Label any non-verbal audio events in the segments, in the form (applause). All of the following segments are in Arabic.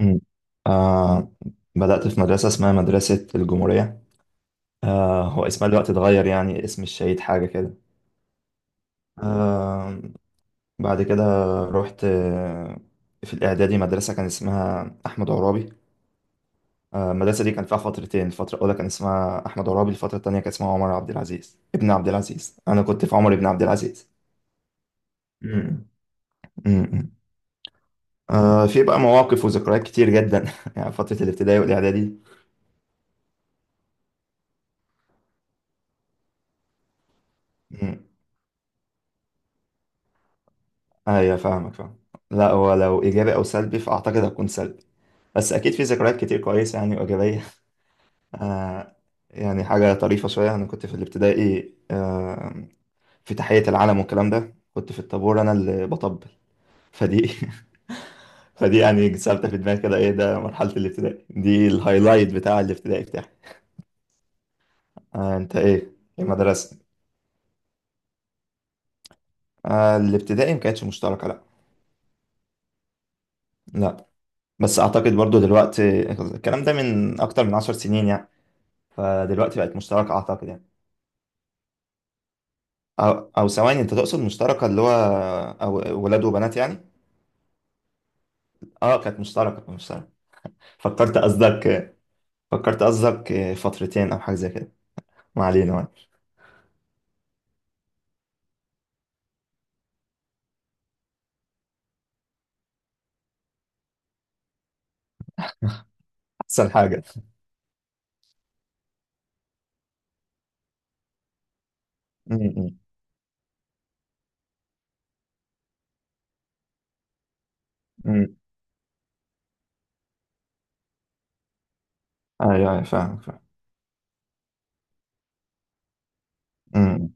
مم. آه بدأت في مدرسة اسمها مدرسة الجمهورية. هو اسمها دلوقتي اتغير، يعني اسم الشهيد حاجة كده. آه بعد كده رحت في الإعدادي مدرسة كان اسمها أحمد عرابي. المدرسة دي كان فيها فترتين، الفترة الأولى كان اسمها أحمد عرابي، الفترة التانية كان اسمها عمر عبد العزيز ابن عبد العزيز. أنا كنت في عمر ابن عبد العزيز. امم امم في بقى مواقف وذكريات كتير جدا (laughs) يعني فترة الابتدائي والإعدادي. امم أيوة، فاهمك فاهم. لا، ولو إيجابي أو سلبي فأعتقد هتكون سلبي، بس أكيد في ذكريات كتير كويسة يعني وإيجابية. (laughs) آه يعني حاجة طريفة شوية. أنا كنت في الابتدائي في تحية العلم والكلام ده كنت في الطابور أنا اللي بطبل. فدي (laughs) فدي يعني ثابتة في دماغي كده. ايه ده، مرحلة الابتدائي دي الهايلايت بتاع الابتدائي بتاعي. انت ايه؟ المدرسة الابتدائي ما كانتش مشتركة، لا. لا، بس اعتقد برضو دلوقتي الكلام ده من اكتر من 10 سنين يعني، فدلوقتي بقت مشتركة اعتقد يعني. او او ثواني، انت تقصد مشتركة اللي هو او ولاد وبنات يعني؟ اه كانت مشتركة كانت مشتركة. فكرت قصدك، فكرت قصدك فترتين او حاجة زي كده. ما علينا يعني. احسن حاجة. م- م- م. ايوه أيوة، فاهم فاهم. م-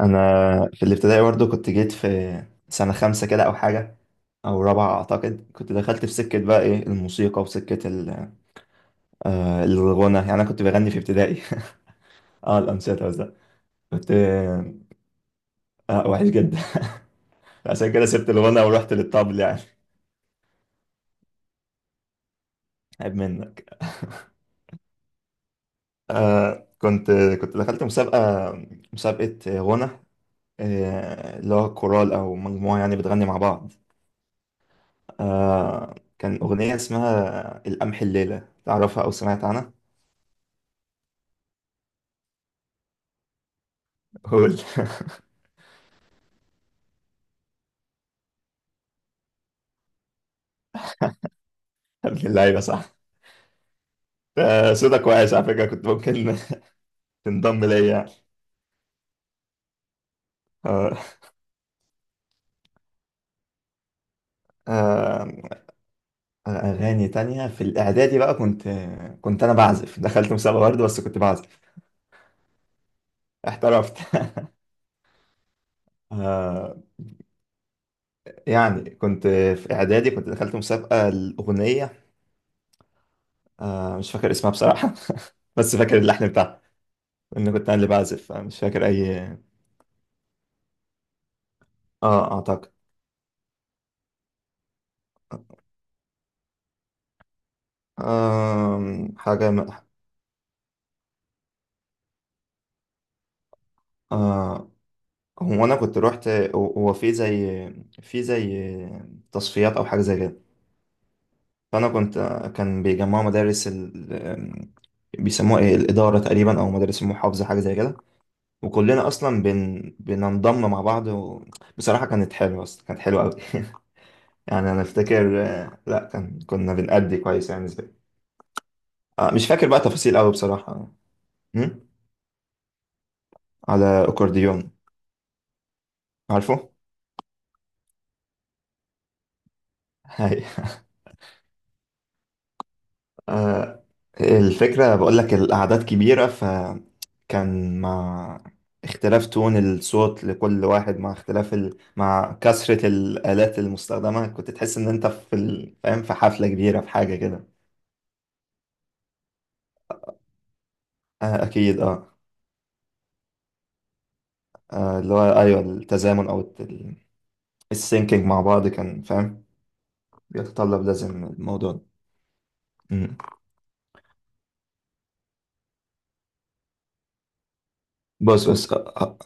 انا في الابتدائي برضه كنت جيت في سنه خمسة كده او حاجه او رابعه اعتقد. كنت دخلت في سكه بقى ايه الموسيقى وسكه الغنى يعني. انا كنت بغني في ابتدائي. (laughs) اه الانشطه، بس ده كنت وحش جدا. (laughs) عشان كده سبت الغنى ورحت للطبل يعني. عيب منك. آه كنت كنت دخلت مسابقه، مسابقه غنى. اللي هو كورال او مجموعه يعني بتغني مع بعض. كان اغنيه اسمها القمح الليله، تعرفها او سمعت عنها؟ قول. (laughs) ابن اللعيبه صح. صوتك وحش على فكره، كنت ممكن (laughs) تنضم ليا يعني. آه، آه، اغاني تانية في الاعدادي بقى. كنت انا بعزف، دخلت مسابقه برضه بس كنت بعزف. احترفت. (laughs) آه، يعني كنت في اعدادي كنت دخلت مسابقه الاغنيه. مش فاكر اسمها بصراحه (laughs) بس فاكر اللحن بتاعها لان كنت انا اللي بعزف. مش فاكر اي. اه اعتقد. آم، حاجه م... آه هو انا كنت روحت. هو في زي تصفيات او حاجه زي كده. فانا كنت، كان بيجمعوا مدارس ال... بيسموها ايه، الاداره تقريبا او مدارس المحافظه حاجه زي كده. وكلنا اصلا بن... بننضم مع بعض و... بصراحه كانت حلوه، اصلا كانت حلوه قوي. (laughs) يعني انا افتكر، لا كنا بنأدي كويس يعني زي. مش فاكر بقى تفاصيل قوي بصراحه. أمم؟ على اكورديون. عارفه. (laughs) هاي. آه، الفكرة بقول لك الأعداد كبيرة، ف كان مع اختلاف تون الصوت لكل واحد، مع اختلاف ال... مع كثرة الآلات المستخدمة كنت تحس إن أنت في ال... فاهم في حفلة كبيرة في حاجة كده. أكيد. أه. اللي هو أيوه التزامن أو السينكينج مع بعض كان فاهم بيتطلب، لازم الموضوع ده. مم. بص بص،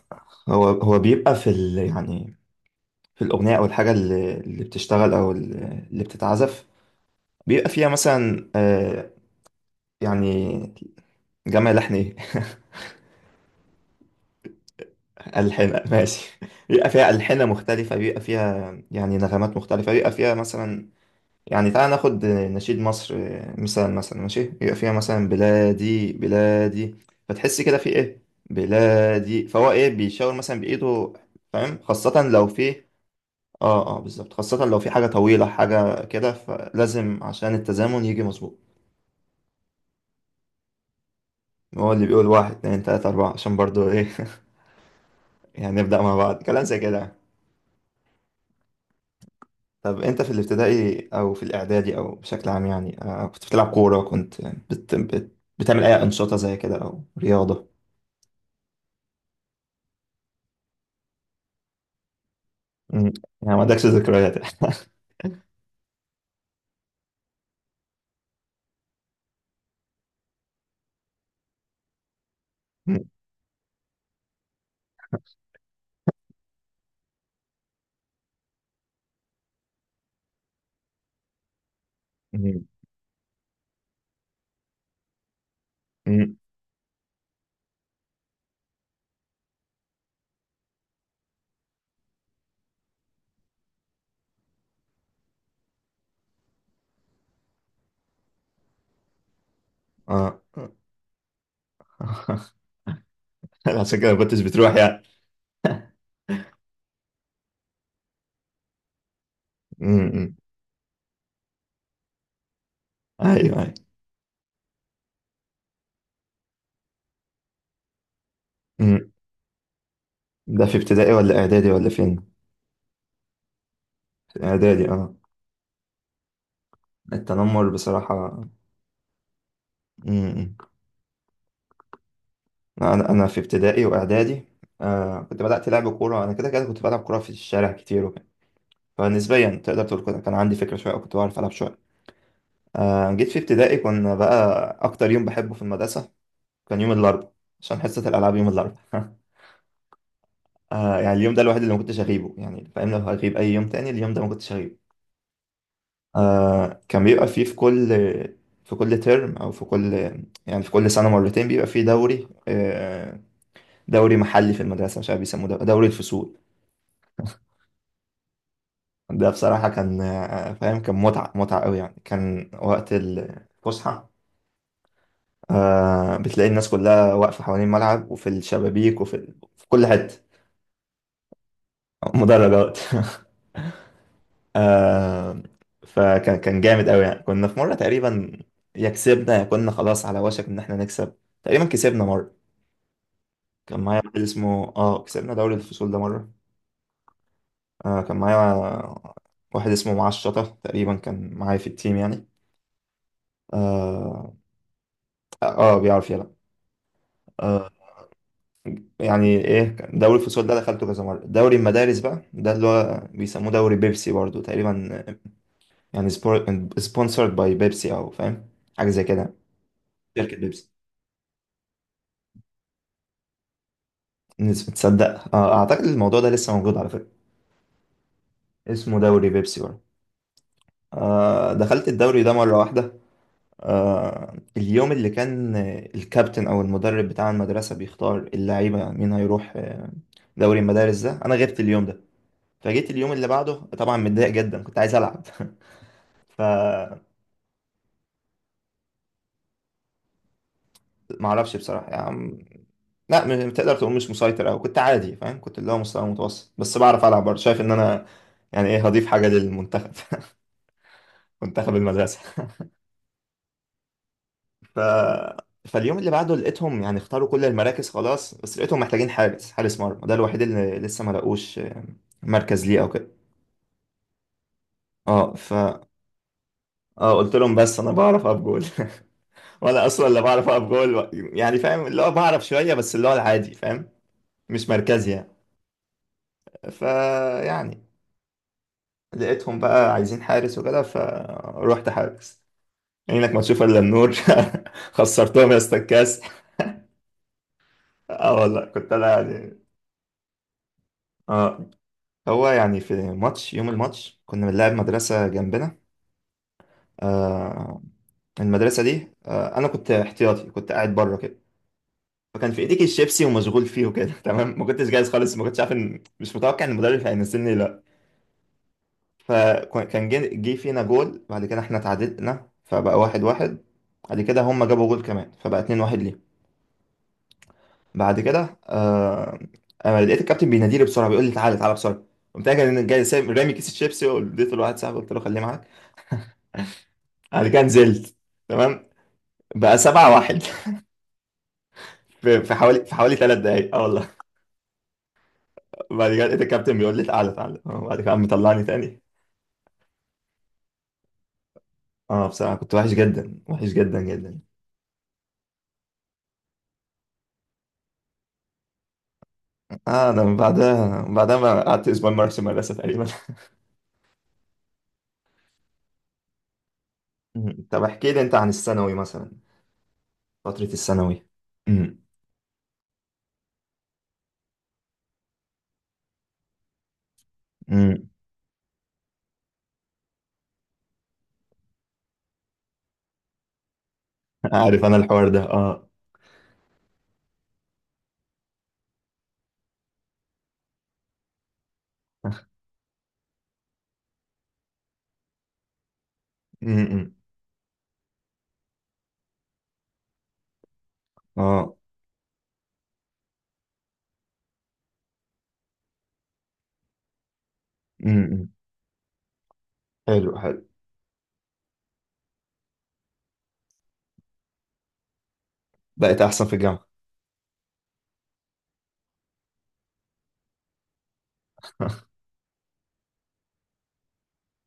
هو بيبقى في ال... يعني في الأغنية أو الحاجة اللي بتشتغل أو اللي اللي بتتعزف، بيبقى فيها مثلا. يعني جمع لحن إيه، ألحنة ماشي. (laughs) بيبقى فيها ألحنة مختلفة، بيبقى فيها يعني نغمات مختلفة، بيبقى فيها مثلا يعني. تعال ناخد نشيد مصر مثال مثلا ماشي. بيبقى فيها مثلا بلادي بلادي، فتحس كده في إيه، بلادي، فهو إيه بيشاور مثلا بإيده، فاهم، خاصة لو في بالظبط، خاصة لو في حاجة طويلة حاجة كده فلازم عشان التزامن يجي مظبوط. هو اللي بيقول واحد اتنين تلاتة أربعة عشان برضو إيه. (laughs) يعني نبدأ مع بعض، كلام زي كده. طب انت في الابتدائي او في الاعدادي او بشكل عام يعني، كنت بتلعب كورة؟ كنت بت... بت... بتعمل اي انشطة زي كده او رياضة؟ مم. يعني ما عندكش ذكريات؟ (laughs) مم. مم. مم. اه. (laughs) عشان كده ما كنتش بتروح يعني؟ مم. مم. ايوه ايوه. مم. ده في ابتدائي ولا اعدادي ولا فين؟ في اعدادي اه. التنمر بصراحة. مم. انا في ابتدائي واعدادي كنت بدأت لعب كورة. انا كده كده كنت بلعب كورة في الشارع كتير، فنسبيا تقدر تقول كده كان عندي فكرة شوية أو كنت بعرف ألعب شوية. جيت في ابتدائي كنا بقى، أكتر يوم بحبه في المدرسة كان يوم الأربعاء عشان حصة الألعاب يوم الأربعاء. (laughs) يعني اليوم ده الوحيد اللي ما كنتش أغيبه، يعني فاهم لو هغيب أي يوم تاني اليوم ده ما كنتش أغيبه. كان بيبقى فيه في كل ترم أو في كل، يعني في كل سنة مرتين بيبقى فيه دوري. دوري محلي في المدرسة مش عارف بيسموه ده- دوري الفصول. (laughs) ده بصراحة كان فاهم كان متعة متعة قوي يعني. كان وقت الفسحة بتلاقي الناس كلها واقفة حوالين الملعب وفي الشبابيك وفي ال... في كل حتة. مدرجات. (laughs) آه فكان جامد قوي يعني. كنا في مرة تقريبا، يا كسبنا يا كنا خلاص على وشك ان احنا نكسب. تقريبا كسبنا مرة. كان معايا واحد اسمه كسبنا دوري الفصول ده مرة. كان معايا واحد اسمه معاه الشطة تقريبا، كان معايا في التيم يعني. اه, بيعرف يلعب. آه، يعني ايه، دوري الفصول ده دخلته كذا مره. دوري المدارس بقى ده اللي هو بيسموه دوري بيبسي برضو تقريبا، يعني سبونسرد باي بيبسي او فاهم حاجه زي كده. شركه بيبسي. تصدق اعتقد الموضوع ده لسه موجود على فكره، اسمه دوري بيبسي برضو. دخلت الدوري ده مره واحده. اليوم اللي كان الكابتن او المدرب بتاع المدرسه بيختار اللعيبه مين هيروح دوري المدارس ده، انا غبت اليوم ده. فجيت اليوم اللي بعده طبعا متضايق جدا كنت عايز العب. (laughs) ف ما اعرفش بصراحه يعني. لا، تقدر تقول مش مسيطر او كنت عادي فاهم، كنت اللي هو مستوى متوسط بس بعرف العب برضه. شايف ان انا، يعني ايه، هضيف حاجه للمنتخب. (laughs) منتخب المدرسه. (laughs) ف فاليوم اللي بعده لقيتهم يعني اختاروا كل المراكز خلاص، بس لقيتهم محتاجين حارس، حارس مرمى، ده الوحيد اللي لسه ما لقوش مركز ليه او كده. اه ف اه قلت لهم بس انا بعرف اقف جول. (laughs) وانا اصلا لا بعرف اقف جول، يعني فاهم اللي هو بعرف شويه بس اللي هو العادي فاهم، مش مركزي يعني. فيعني لقيتهم بقى عايزين حارس وكده فروحت حارس. عينك ما تشوف الا النور. (laughs) خسرتهم يا اسطى الكاس. اه والله كنت انا يعني. اه هو يعني في ماتش، يوم الماتش كنا بنلعب مدرسة جنبنا. آه المدرسة دي انا كنت احتياطي كنت قاعد بره كده. فكان في ايديك الشيبسي ومشغول فيه وكده. (laughs) تمام، ما كنتش جاهز خالص، ما كنتش عارف ان مش متوقع ان المدرب هينزلني. فكان جه فينا جول. بعد كده احنا تعادلنا فبقى 1-1. بعد كده هم جابوا جول كمان فبقى 2-1 ليه. بعد كده انا لقيت الكابتن بيناديلي بسرعه بيقول لي تعالى تعالى بسرعه. قمت انا جاي جاي رامي كيس الشيبسي واديته لواحد صاحبي قلت له خليه معاك. بعد كده نزلت، تمام، بقى 7-1. (laughs) في حوالي 3 دقايق اه والله. بعد كده لقيت الكابتن بيقول لي تعالى تعالى بعد كده قام مطلعني تاني. اه بصراحة كنت وحش جدا وحش جدا جدا. اه انا من بعدها، من بعدها ما قعدت اسبوع ما اعرفش المدرسة تقريبا. مم. طب احكي لي انت عن الثانوي مثلا؟ فترة الثانوي. مم. مم. عارف انا الحوار ده اه. مم. اه. مم. حلو حلو. بقيت احسن في الجامعة؟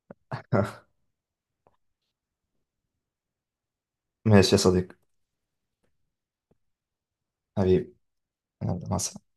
(laughs) ماشي يا صديقي. حبيبي. يلا، مع السلامة.